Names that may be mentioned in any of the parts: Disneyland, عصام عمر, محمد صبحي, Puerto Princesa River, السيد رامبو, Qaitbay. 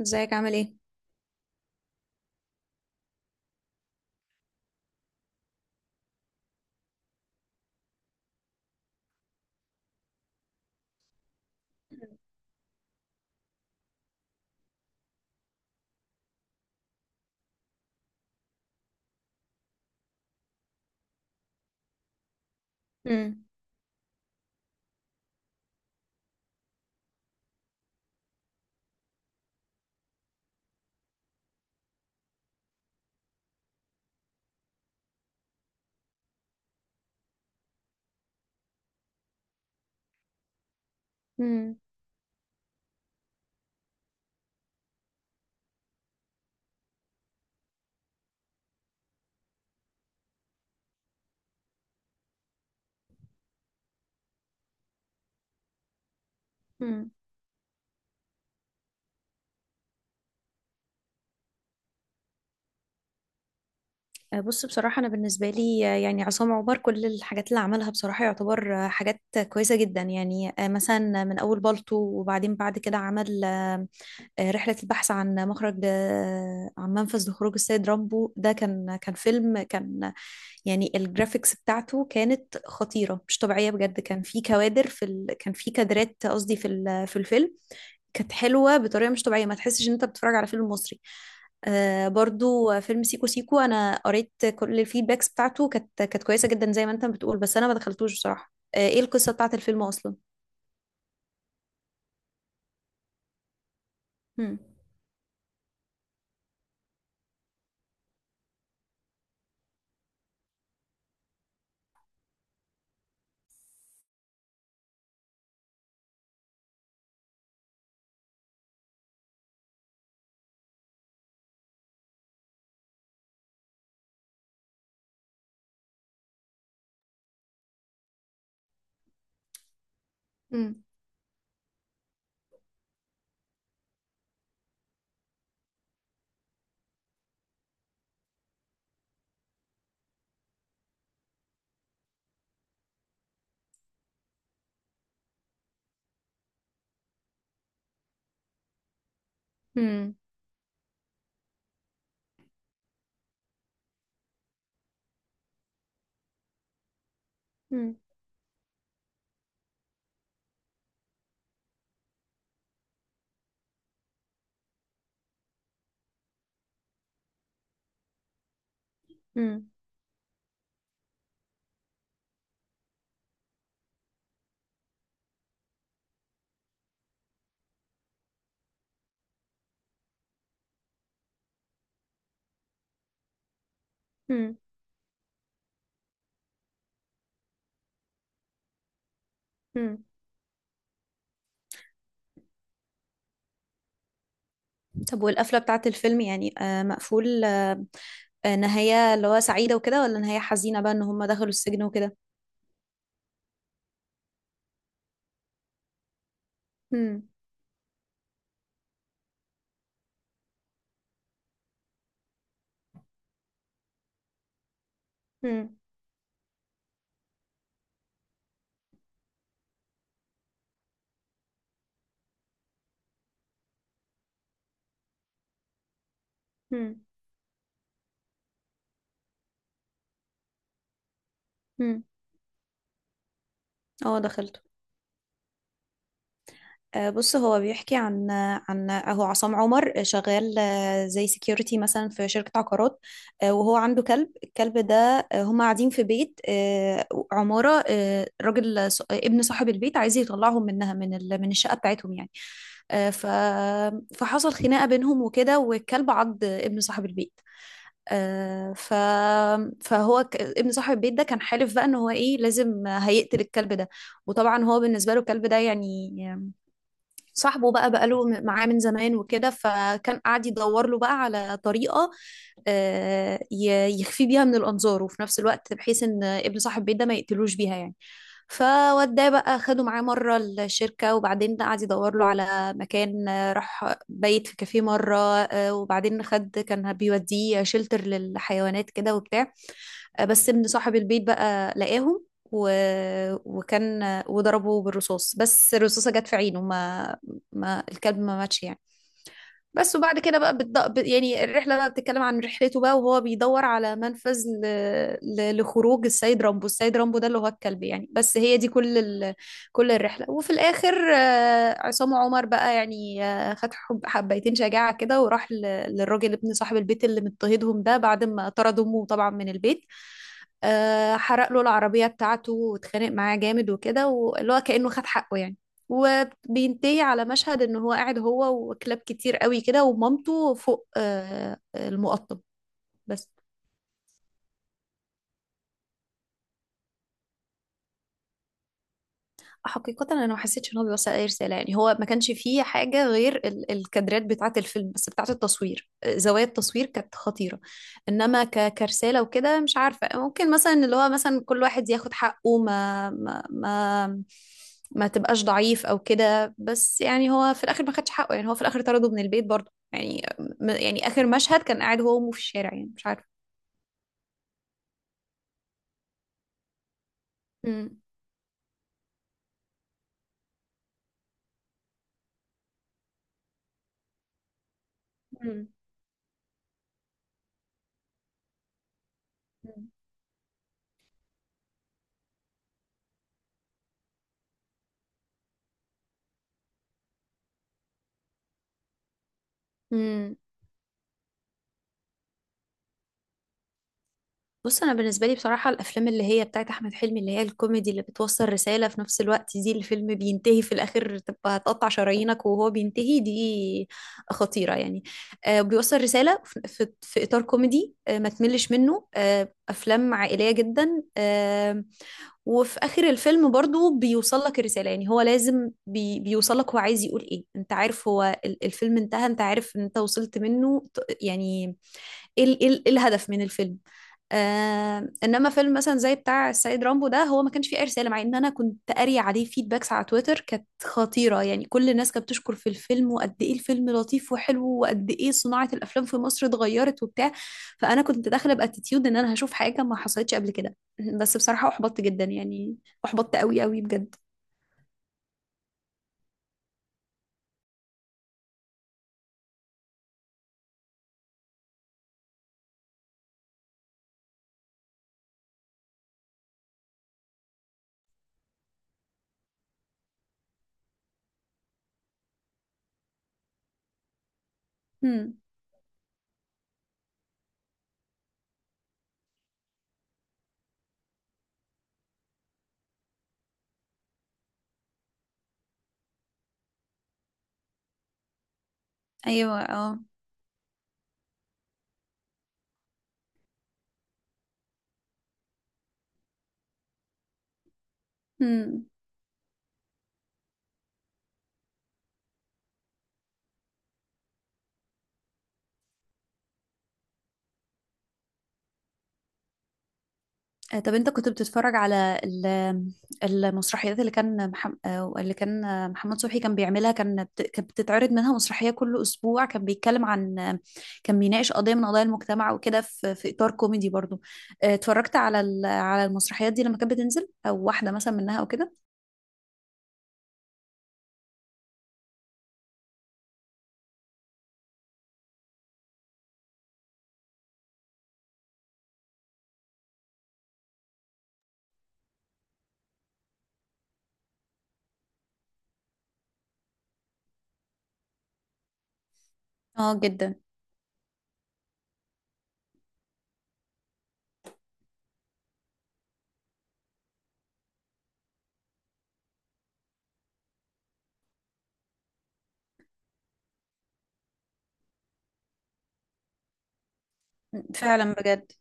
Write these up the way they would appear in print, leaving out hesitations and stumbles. ازيك عامل ايه؟ مم. مم. مم. بص، بصراحة أنا بالنسبة لي يعني عصام عمر كل الحاجات اللي عملها بصراحة يعتبر حاجات كويسة جدا. يعني مثلا من أول بالطو، وبعدين بعد كده عمل رحلة البحث عن مخرج، عن منفذ لخروج السيد رامبو. ده كان فيلم، كان يعني الجرافيكس بتاعته كانت خطيرة، مش طبيعية بجد. كان في كادرات قصدي في الفيلم كانت حلوة بطريقة مش طبيعية، ما تحسش إن أنت بتتفرج على فيلم مصري. آه برضو فيلم سيكو سيكو، انا قريت كل الفيدباكس بتاعته، كانت كويسه جدا زي ما انت بتقول، بس انا ما دخلتوش بصراحه. آه، ايه القصه بتاعت الفيلم اصلا؟ مم. مم. مم. مم. مم. مم. مم. طب والقفله بتاعت الفيلم؟ يعني آه، مقفول نهايه اللي هو سعيده وكده، ولا نهايه حزينه بقى ان هم دخلوا السجن وكده؟ مم. مم. مم. مم. اه، دخلت. بص، هو بيحكي عن عن اهو عصام عمر شغال زي سيكيورتي مثلا في شركة عقارات، وهو عنده كلب. الكلب ده هما قاعدين في بيت، عمارة، راجل ابن صاحب البيت عايز يطلعهم منها، من الشقة بتاعتهم يعني. آه، ف فحصل خناقة بينهم وكده، والكلب عض ابن صاحب البيت. آه، ف فهو ابن صاحب البيت ده كان حالف بقى ان هو ايه، لازم هيقتل الكلب ده. وطبعا هو بالنسبة له الكلب ده يعني صاحبه بقى، بقاله معاه من زمان وكده، فكان قاعد يدور له بقى على طريقة يخفي بيها من الأنظار، وفي نفس الوقت بحيث إن ابن صاحب البيت ده ما يقتلوش بيها يعني. فوداه بقى، خده معاه مرة الشركة، وبعدين قعد يدور له على مكان، راح بيت في كافيه مرة، وبعدين خد، كان بيوديه شلتر للحيوانات كده وبتاع. بس ابن صاحب البيت بقى لقاهم و... وكان وضربه بالرصاص، بس الرصاصة جت في عينه، ما الكلب ما ماتش يعني. بس وبعد كده بقى يعني الرحلة بقى بتتكلم عن رحلته بقى، وهو بيدور على منفذ لخروج السيد رامبو. السيد رامبو ده اللي هو الكلب يعني، بس هي دي كل الرحلة. وفي الآخر عصام عمر بقى يعني خد حبيتين شجاعة كده، وراح للراجل ابن صاحب البيت اللي مضطهدهم ده، بعد ما طرد أمه طبعا من البيت. حرق له العربية بتاعته، واتخانق معاه جامد وكده، واللي هو كأنه خد حقه يعني. و... بينتهي على مشهد ان هو قاعد هو وكلاب كتير قوي كده، ومامته فوق المقطم. بس حقيقة أنا ما حسيتش إن هو بيوصل أي رسالة يعني. هو ما كانش فيه حاجة غير الكادرات بتاعة الفيلم بس، بتاعة التصوير، زوايا التصوير كانت خطيرة. إنما كرسالة وكده مش عارفة، ممكن مثلا اللي هو مثلا كل واحد ياخد حقه، ما ما تبقاش ضعيف أو كده. بس يعني هو في الآخر ما خدش حقه يعني، هو في الآخر طرده من البيت برضه يعني. يعني آخر مشهد كان قاعد هو وأمه في الشارع يعني، مش عارفة. امم. مم. بص، انا بالنسبه لي بصراحه، الافلام اللي هي بتاعت احمد حلمي، اللي هي الكوميدي اللي بتوصل رساله في نفس الوقت، دي الفيلم بينتهي في الاخر تبقى هتقطع شرايينك وهو بينتهي، دي خطيره يعني. آه، بيوصل رساله في اطار كوميدي، آه ما تملش منه، آه افلام عائليه جدا. آه، وفي اخر الفيلم برضو بيوصل لك الرساله يعني، هو لازم بيوصل لك، هو عايز يقول ايه، انت عارف هو الفيلم انتهى، انت عارف ان انت وصلت منه يعني ايه إيه الهدف من الفيلم. آه، انما فيلم مثلا زي بتاع السيد رامبو ده، هو ما كانش فيه اي رساله، مع ان انا كنت قاري عليه فيدباكس على تويتر كانت خطيره يعني. كل الناس كانت بتشكر في الفيلم، وقد ايه الفيلم لطيف وحلو، وقد ايه صناعه الافلام في مصر اتغيرت وبتاع. فانا كنت داخله باتيتيود ان انا هشوف حاجه ما حصلتش قبل كده، بس بصراحه احبطت جدا يعني. احبطت قوي قوي بجد. امم. ايوه اه. هم. طب انت كنت بتتفرج على المسرحيات اللي كان محمد، اللي كان محمد صبحي كان بيعملها؟ كان كانت بتتعرض منها مسرحية كل أسبوع، كان بيتكلم عن كان بيناقش قضية من قضايا المجتمع وكده، في في إطار كوميدي برضو. اتفرجت على على المسرحيات دي لما كانت بتنزل، أو واحدة مثلا منها أو كده؟ اه جدا. فعلا بجد.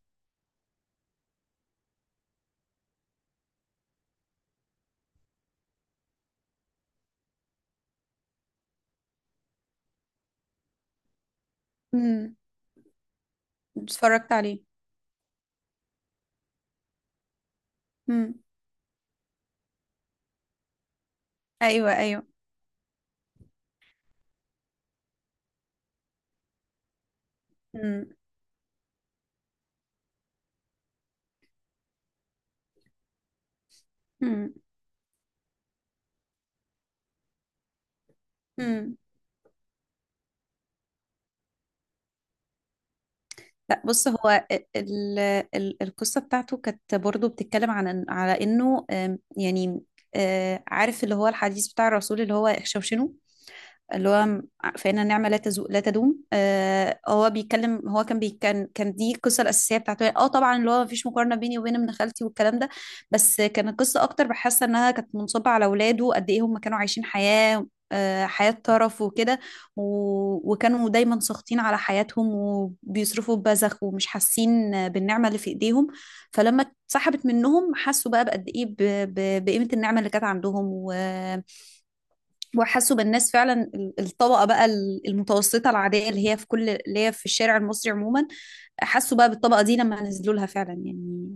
امم. اتفرجت عليه. امم. ايوه ايوه. امم. امم. لا، بص هو القصة بتاعته كانت برضو بتتكلم عن، على انه يعني عارف اللي هو الحديث بتاع الرسول اللي هو احشوشنوا؟ اللي هو فإن النعمة لا تدوم. آه، هو بيتكلم، هو كان بي... كان كان دي القصة الأساسية بتاعته. اه طبعا، اللي هو مفيش مقارنة بيني وبين ابن خالتي والكلام ده، بس كان القصة أكتر بحاسة إنها كانت منصبة على ولاده، قد إيه هم كانوا عايشين حياة، حياة طرف وكده. و... وكانوا دايما ساخطين على حياتهم، وبيصرفوا ببذخ، ومش حاسين بالنعمة اللي في إيديهم. فلما اتسحبت منهم حسوا بقى بقد إيه بقيمة النعمة اللي كانت عندهم، وحسوا بالناس فعلا، الطبقة بقى المتوسطة العادية، اللي هي في كل، اللي هي في الشارع المصري عموما. حسوا بقى بالطبقة دي لما نزلوا لها فعلا يعني.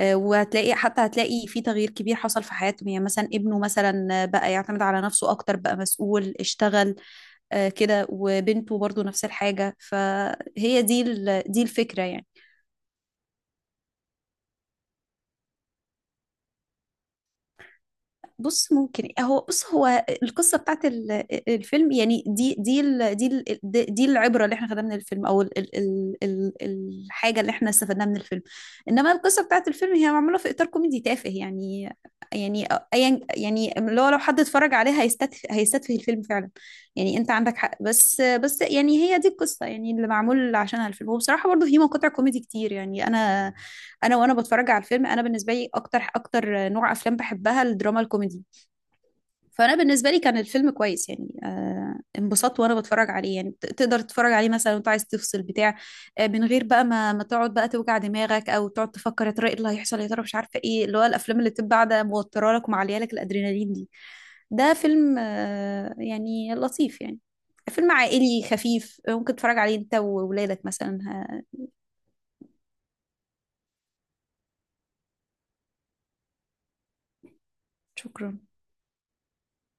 وهتلاقي، حتى هتلاقي في تغيير كبير حصل في حياتهم يعني، مثلا ابنه مثلا بقى يعتمد على نفسه أكتر، بقى مسؤول، اشتغل كده. وبنته برضو نفس الحاجة، فهي دي دي الفكرة يعني. بص ممكن، هو القصه بتاعت الفيلم يعني، دي دي العبره اللي احنا خدناها من الفيلم، او ال ال ال ال الحاجه اللي احنا استفدناها من الفيلم. انما القصه بتاعت الفيلم هي معموله في اطار كوميدي تافه يعني. يعني ايا يعني، اللي هو لو حد اتفرج عليها هيستتفه الفيلم فعلا يعني. انت عندك حق، بس بس يعني هي دي القصه يعني اللي معمول عشانها الفيلم. وبصراحه برضه في مقاطع كوميدي كتير يعني. انا وانا بتفرج على الفيلم، انا بالنسبه لي اكتر، اكتر نوع افلام بحبها الدراما الكوميدي. فانا بالنسبه لي كان الفيلم كويس يعني. آه، انبسطت وانا بتفرج عليه يعني، تقدر تتفرج عليه مثلا وانت عايز تفصل بتاع آه، من غير بقى ما تقعد بقى توجع دماغك، او تقعد تفكر يا ترى ايه اللي هيحصل، يا ترى، مش عارفه ايه، اللي هو الافلام اللي بتبقى قاعده موتره لك ومعليه لك الادرينالين دي. ده فيلم آه يعني لطيف يعني، فيلم عائلي خفيف، ممكن تتفرج عليه انت وولادك مثلا. آه، شكرا.